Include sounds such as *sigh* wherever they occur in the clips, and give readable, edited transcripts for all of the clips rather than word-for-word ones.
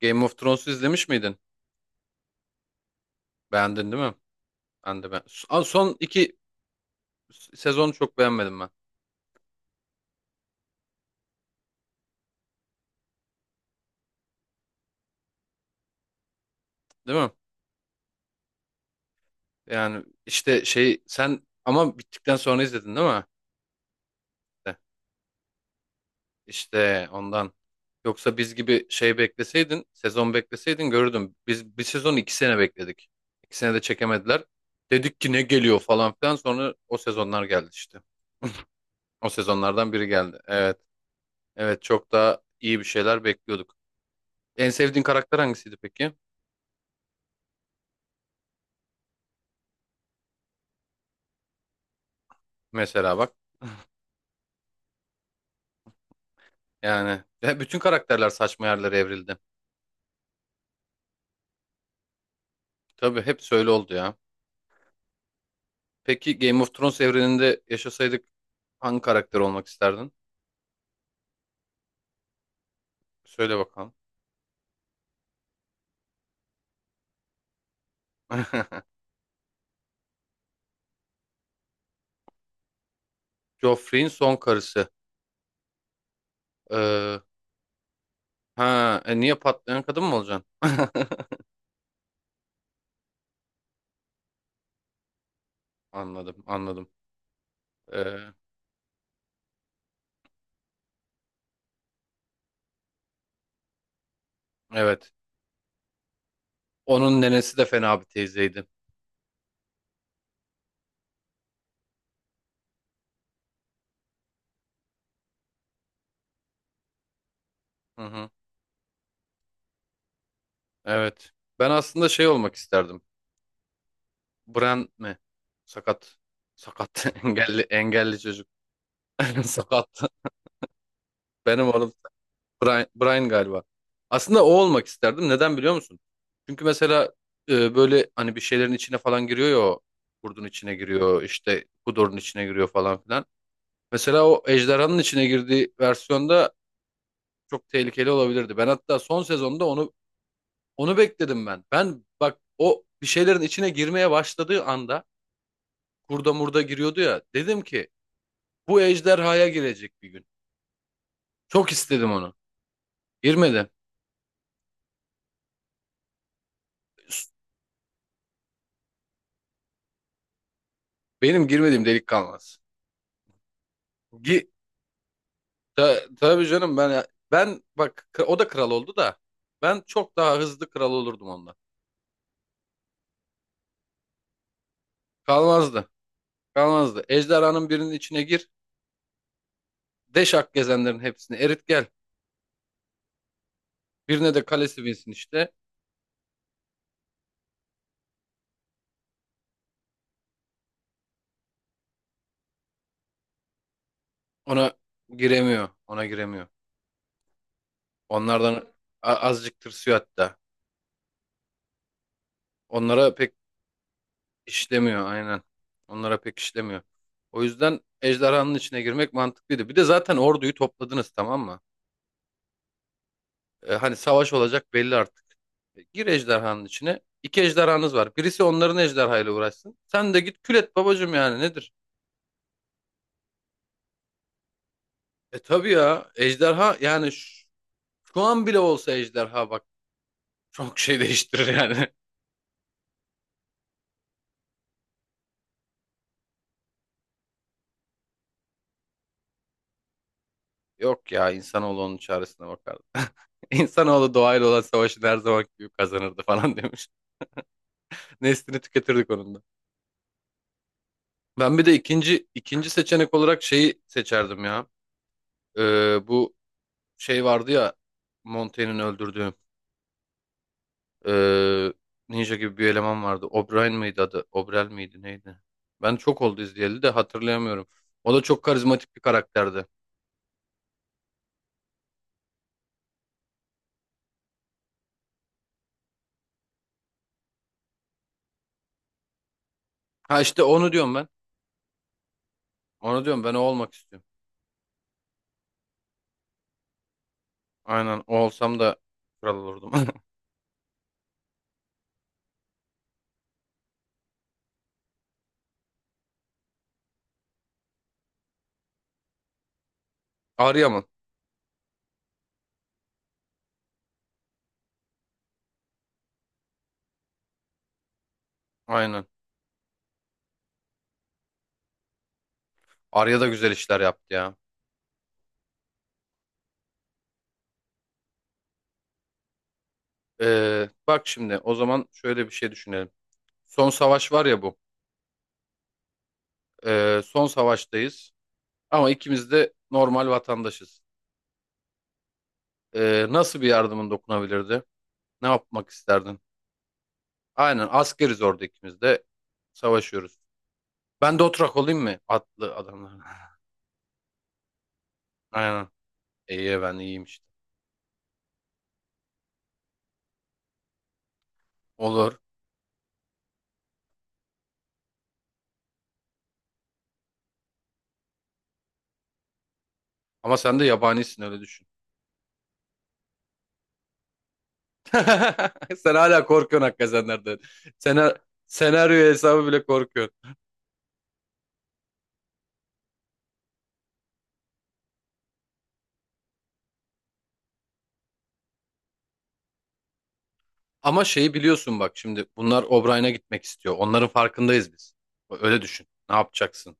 Game of Thrones'u izlemiş miydin? Beğendin değil mi? Ben de. Son iki sezonu çok beğenmedim ben. Değil mi? Yani işte şey sen ama bittikten sonra izledin değil mi? İşte işte ondan. Yoksa biz gibi şey bekleseydin, sezon bekleseydin görürdüm. Biz bir sezon 2 sene bekledik. 2 sene de çekemediler. Dedik ki ne geliyor falan filan, sonra o sezonlar geldi işte. O sezonlardan biri geldi. Evet. Evet, çok daha iyi bir şeyler bekliyorduk. En sevdiğin karakter hangisiydi peki? Mesela bak. Yani ve bütün karakterler saçma yerlere evrildi. Tabii hep öyle oldu ya. Peki Game of Thrones evreninde yaşasaydık hangi karakter olmak isterdin? Söyle bakalım. *laughs* Joffrey'in son karısı. Ee, niye patlayan kadın mı olacaksın? *laughs* Anladım, anladım. Ee, evet. Onun nenesi de fena bir teyzeydi. Hı hı. Evet. Ben aslında şey olmak isterdim. Bran mi? Sakat. Sakat. *laughs* Engelli, engelli çocuk. *laughs* Sakat. Benim oğlum Brian, Brian galiba. Aslında o olmak isterdim. Neden biliyor musun? Çünkü mesela böyle hani bir şeylerin içine falan giriyor ya o. Kurdun içine giriyor, işte kudurun içine giriyor falan filan. Mesela o ejderhanın içine girdiği versiyonda çok tehlikeli olabilirdi. Ben hatta son sezonda onu bekledim ben. Ben bak, o bir şeylerin içine girmeye başladığı anda kurda murda giriyordu ya. Dedim ki bu ejderhaya girecek bir gün. Çok istedim onu. Girmedi. Benim girmediğim delik kalmaz. Tabii canım, ben bak, o da kral oldu da ben çok daha hızlı kral olurdum onunla. Kalmazdı. Kalmazdı. Ejderhanın birinin içine gir. Deşak gezenlerin hepsini erit gel. Birine de kalesi binsin işte. Ona giremiyor. Ona giremiyor. Onlardan azıcık tırsıyor hatta. Onlara pek işlemiyor aynen. Onlara pek işlemiyor. O yüzden ejderhanın içine girmek mantıklıydı. Bir de zaten orduyu topladınız tamam mı? Hani savaş olacak belli artık. Gir ejderhanın içine. İki ejderhanız var. Birisi onların ejderhayla uğraşsın. Sen de git kül et babacım, yani nedir? E tabii ya, ejderha yani şu, şu an bile olsa ejderha bak çok şey değiştirir yani. *laughs* Yok ya, insanoğlu onun çaresine bakardı. *laughs* İnsanoğlu doğayla olan savaşı her zaman gibi kazanırdı falan demiş. *laughs* Neslini tüketirdik onun da. Ben bir de ikinci seçenek olarak şeyi seçerdim ya. Bu şey vardı ya, Montaigne'in öldürdüğü. Ee, Ninja gibi bir eleman vardı. O'Brien miydi adı? O'Brel miydi neydi? Ben çok oldu izleyeli de hatırlayamıyorum. O da çok karizmatik bir karakterdi. Ha işte onu diyorum ben. Onu diyorum ben, o olmak istiyorum. Aynen o olsam da kral olurdum. *laughs* Arya mı? Aynen. Arya da güzel işler yaptı ya. Bak şimdi o zaman şöyle bir şey düşünelim. Son savaş var ya bu. Son savaştayız. Ama ikimiz de normal vatandaşız. Nasıl bir yardımın dokunabilirdi? Ne yapmak isterdin? Aynen, askeriz orada, ikimiz de savaşıyoruz. Ben de oturak olayım mı? Atlı adamlar. *laughs* Aynen. İyi, ben iyiyim işte. Olur. Ama sen de yabanisin, öyle düşün. *laughs* Sen hala korkuyorsun hakikaten. Sena Senaryo hesabı bile korkuyorsun. Ama şeyi biliyorsun, bak şimdi bunlar O'Brien'e gitmek istiyor. Onların farkındayız biz. Öyle düşün. Ne yapacaksın?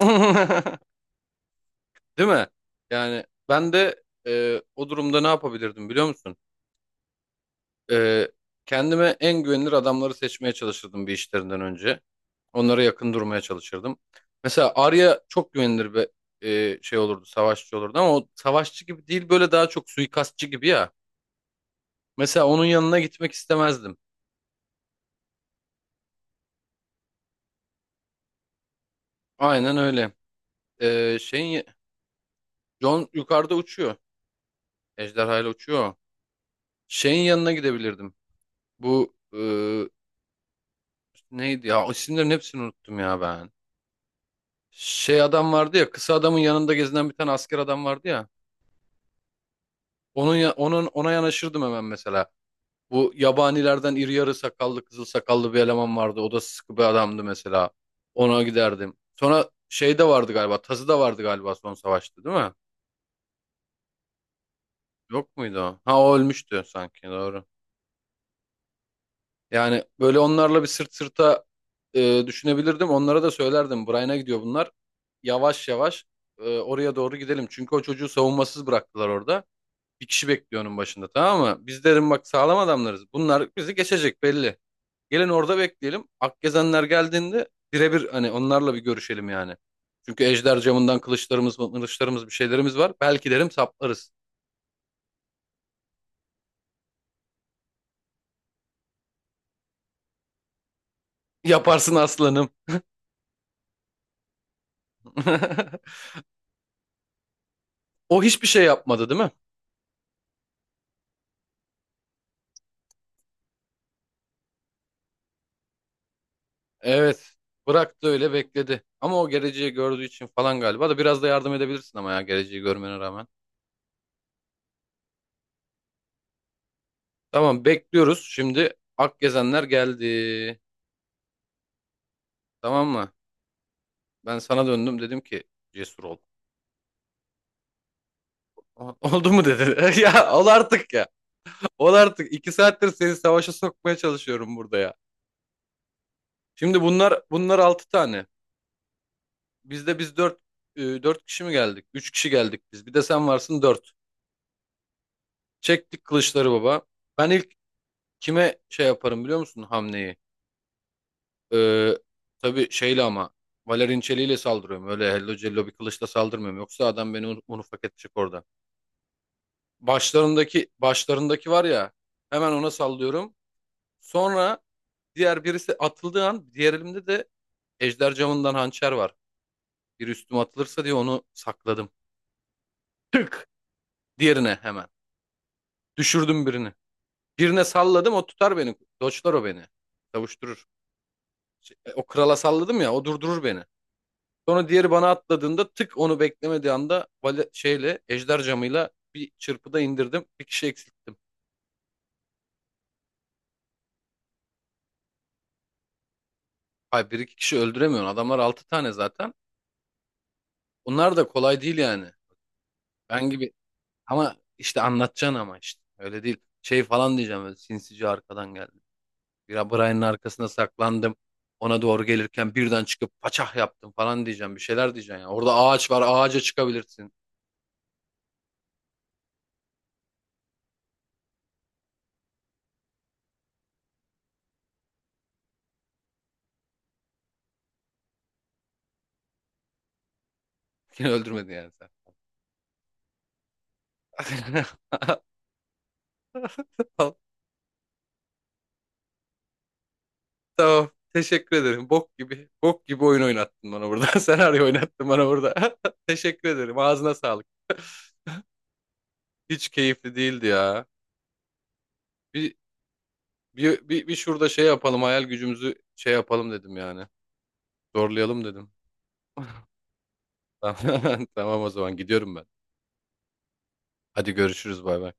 *laughs* Değil mi? Yani ben de o durumda ne yapabilirdim biliyor musun? Ee, Kendime en güvenilir adamları seçmeye çalışırdım bir, işlerinden önce. Onlara yakın durmaya çalışırdım. Mesela Arya çok güvenilir bir şey olurdu, savaşçı olurdu ama o savaşçı gibi değil, böyle daha çok suikastçı gibi ya. Mesela onun yanına gitmek istemezdim. Aynen öyle. Şeyin Jon yukarıda uçuyor. Ejderha ile uçuyor, o. Şeyin yanına gidebilirdim. Bu e, neydi ya? İsimlerin hepsini unuttum ya ben. Şey adam vardı ya, kısa adamın yanında gezinen bir tane asker adam vardı ya. Onun ona yanaşırdım hemen mesela. Bu yabanilerden iri yarı sakallı, kızıl sakallı bir eleman vardı. O da sıkı bir adamdı mesela. Ona giderdim. Sonra şey de vardı galiba. Tazı da vardı galiba son savaşta değil mi? Yok muydu o? Ha o ölmüştü sanki, doğru. Yani böyle onlarla bir sırt sırta düşünebilirdim. Onlara da söylerdim. Brian'a gidiyor bunlar. Yavaş yavaş oraya doğru gidelim. Çünkü o çocuğu savunmasız bıraktılar orada. Bir kişi bekliyor onun başında, tamam mı? Biz, derim, bak sağlam adamlarız. Bunlar bizi geçecek belli. Gelin orada bekleyelim. Akgezenler geldiğinde birebir hani onlarla bir görüşelim yani. Çünkü ejder camından kılıçlarımız, bir şeylerimiz var. Belki derim saplarız. Yaparsın aslanım. *laughs* O hiçbir şey yapmadı değil mi? Evet. Bıraktı, öyle bekledi. Ama o geleceği gördüğü için falan galiba da biraz da yardım edebilirsin ama ya, geleceği görmene rağmen. Tamam, bekliyoruz. Şimdi Akgezenler geldi. Tamam mı? Ben sana döndüm, dedim ki cesur ol. *laughs* Oldu mu, dedi. *laughs* Ya ol artık ya. Ol artık. 2 saattir seni savaşa sokmaya çalışıyorum burada ya. Şimdi bunlar 6 tane. Biz dört kişi mi geldik? 3 kişi geldik biz. Bir de sen varsın, 4. Çektik kılıçları baba. Ben ilk kime şey yaparım biliyor musun, hamleyi? Ee, tabii şeyle ama Valerian çeliğiyle saldırıyorum. Öyle hello cello bir kılıçla saldırmıyorum. Yoksa adam beni unufak edecek orada. Başlarındaki var ya, hemen ona sallıyorum. Sonra diğer birisi atıldığı an diğer elimde de ejder camından hançer var. Bir üstüme atılırsa diye onu sakladım. Tık! Diğerine hemen. Düşürdüm birini. Birine salladım, o tutar beni. Doçlar o beni. Savuşturur. O krala salladım ya, o durdurur beni. Sonra diğeri bana atladığında tık, onu beklemediği anda vale, şeyle ejder camıyla bir çırpıda indirdim. Bir kişi eksilttim. Hayır, bir iki kişi öldüremiyorsun. Adamlar 6 tane zaten. Onlar da kolay değil yani. Ben gibi ama işte anlatacaksın ama işte. Öyle değil. Şey falan diyeceğim, böyle sinsice arkadan geldi. Ya Brian'ın arkasına saklandım. Ona doğru gelirken birden çıkıp paçah yaptım falan diyeceğim. Bir şeyler diyeceksin ya. Orada ağaç var, ağaca çıkabilirsin. *laughs* Seni öldürmedi yani sen. *laughs* Tamam. Teşekkür ederim. Bok gibi. Bok gibi oyun oynattın bana burada. *laughs* Senaryo oynattın bana burada. *laughs* Teşekkür ederim. Ağzına sağlık. *laughs* Hiç keyifli değildi ya. Bir, bir şurada şey yapalım. Hayal gücümüzü şey yapalım dedim yani. Zorlayalım dedim. *laughs* Tamam, *laughs* tamam o zaman gidiyorum ben. Hadi görüşürüz, bay bay.